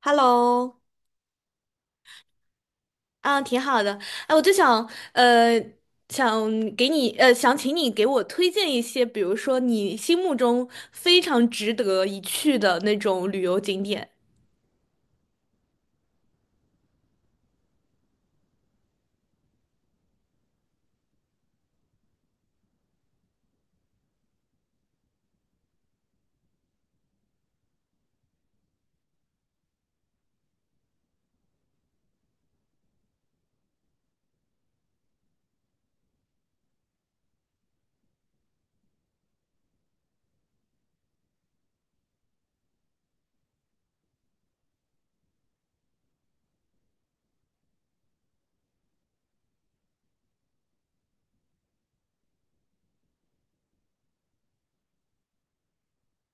Hello，啊，挺好的。哎，我就想，想给你，想请你给我推荐一些，比如说你心目中非常值得一去的那种旅游景点。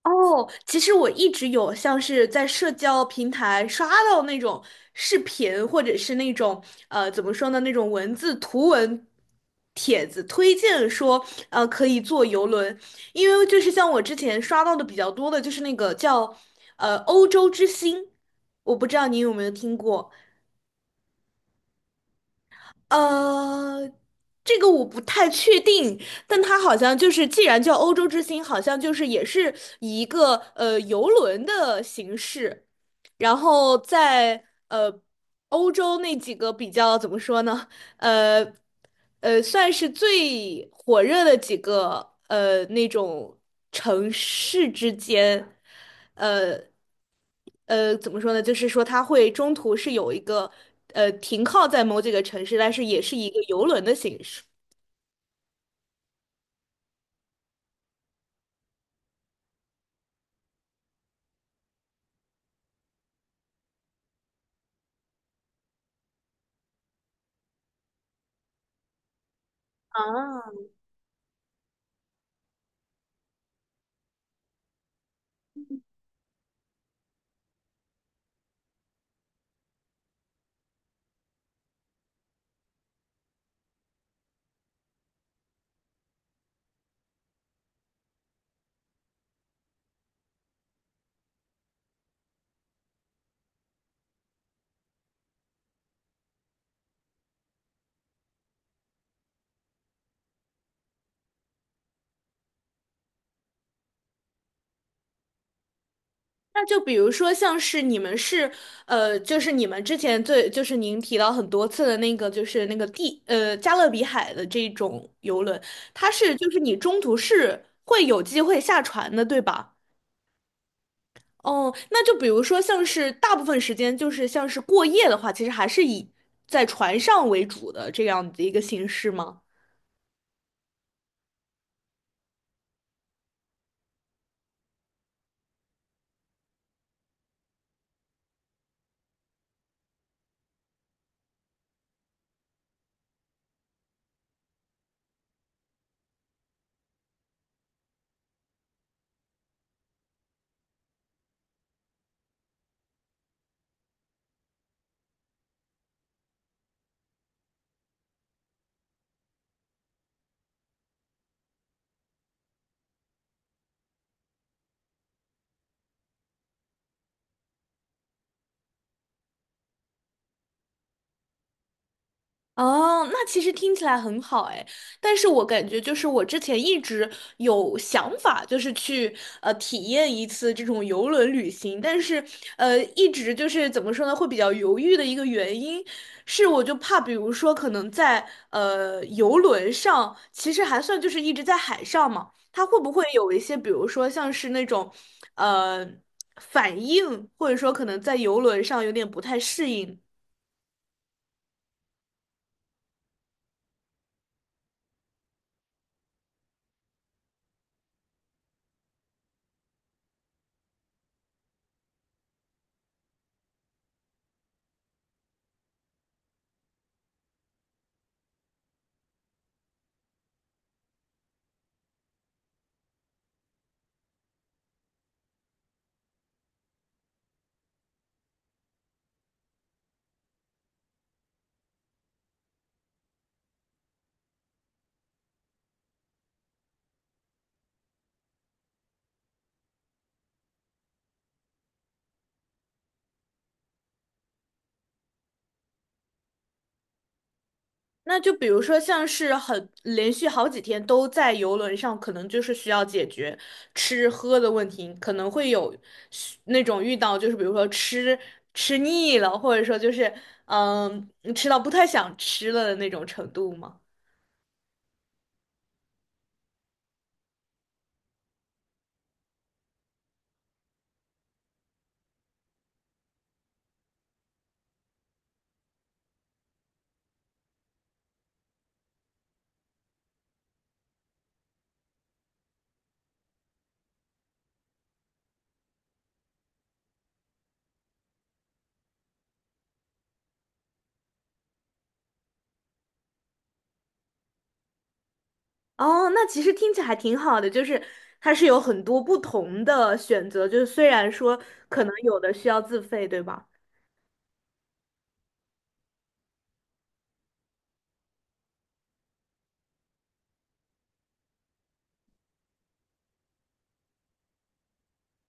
哦，其实我一直有像是在社交平台刷到那种视频，或者是那种怎么说呢，那种文字图文帖子推荐说，可以坐游轮，因为就是像我之前刷到的比较多的就是那个叫欧洲之星，我不知道你有没有听过。呃，这个我不太确定，但它好像就是，既然叫欧洲之星，好像就是也是以一个游轮的形式，然后在欧洲那几个比较怎么说呢？呃算是最火热的几个那种城市之间，呃怎么说呢？就是说它会中途是有一个停靠在某几个城市，但是也是一个游轮的形式。那就比如说像是你们是就是你们之前最就是您提到很多次的那个就是那个地加勒比海的这种游轮，它是就是你中途是会有机会下船的，对吧？哦，那就比如说像是大部分时间就是像是过夜的话，其实还是以在船上为主的这样的一个形式吗？哦，那其实听起来很好哎，但是我感觉就是我之前一直有想法，就是去体验一次这种游轮旅行，但是一直就是怎么说呢，会比较犹豫的一个原因是，我就怕比如说可能在游轮上，其实还算就是一直在海上嘛，它会不会有一些比如说像是那种呃反应，或者说可能在游轮上有点不太适应。那就比如说，像是很连续好几天都在游轮上，可能就是需要解决吃喝的问题，可能会有需那种遇到，就是比如说吃腻了，或者说就是嗯吃到不太想吃了的那种程度吗？哦，那其实听起来还挺好的，就是它是有很多不同的选择，就是虽然说可能有的需要自费，对吧？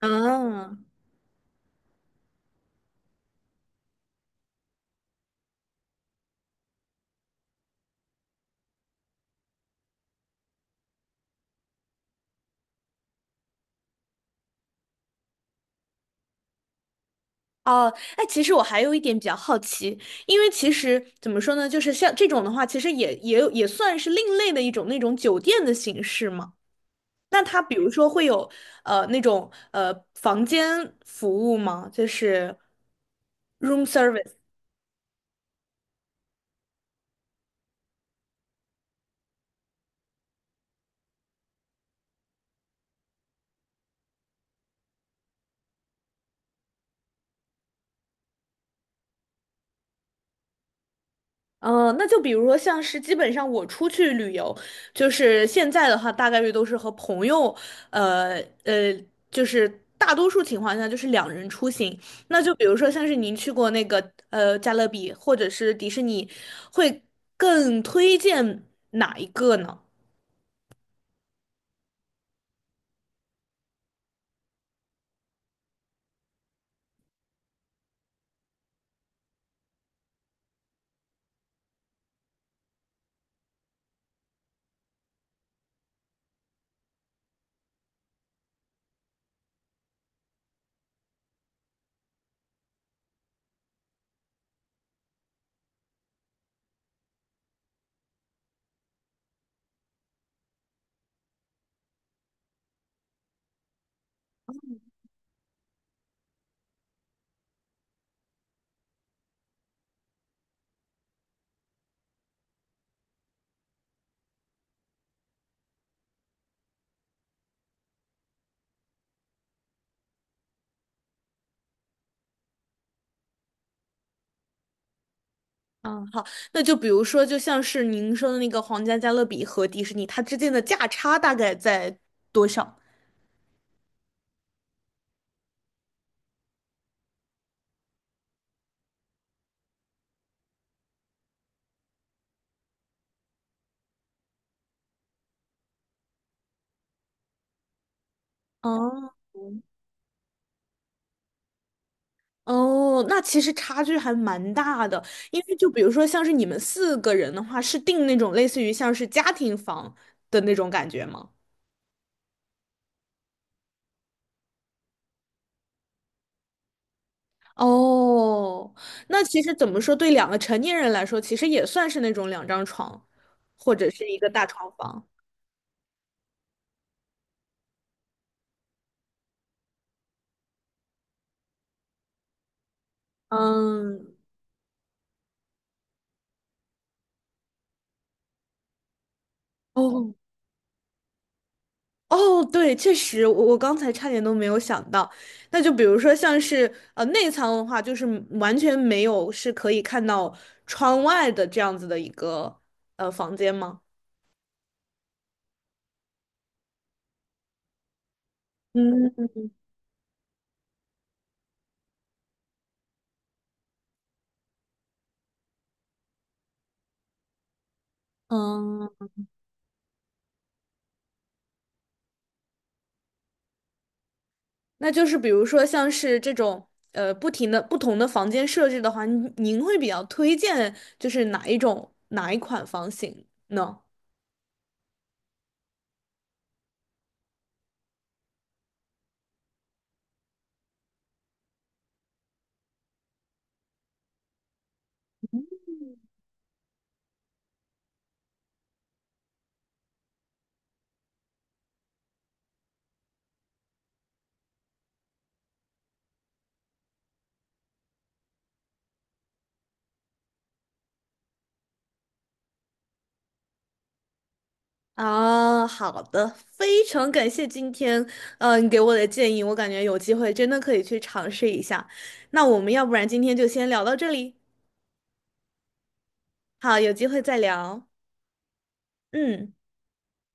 嗯。哦，哎，其实我还有一点比较好奇，因为其实怎么说呢，就是像这种的话，其实也有也算是另类的一种那种酒店的形式嘛。那它比如说会有那种房间服务吗？就是 room service。嗯，那就比如说，像是基本上我出去旅游，就是现在的话，大概率都是和朋友，呃呃，就是大多数情况下就是两人出行。那就比如说，像是您去过那个加勒比或者是迪士尼，会更推荐哪一个呢？嗯，好，那就比如说，就像是您说的那个皇家加勒比和迪士尼，它之间的价差大概在多少？哦，哦，那其实差距还蛮大的，因为就比如说像是你们四个人的话，是订那种类似于像是家庭房的那种感觉吗？哦，那其实怎么说，对两个成年人来说，其实也算是那种两张床，或者是一个大床房。嗯，哦，哦，对，确实，我刚才差点都没有想到。那就比如说，像是内舱的话，就是完全没有是可以看到窗外的这样子的一个房间吗？嗯嗯，那就是比如说像是这种不停的不同的房间设置的话，您会比较推荐就是哪一种哪一款房型呢？啊，好的，非常感谢今天，你给我的建议，我感觉有机会真的可以去尝试一下。那我们要不然今天就先聊到这里，好，有机会再聊。嗯。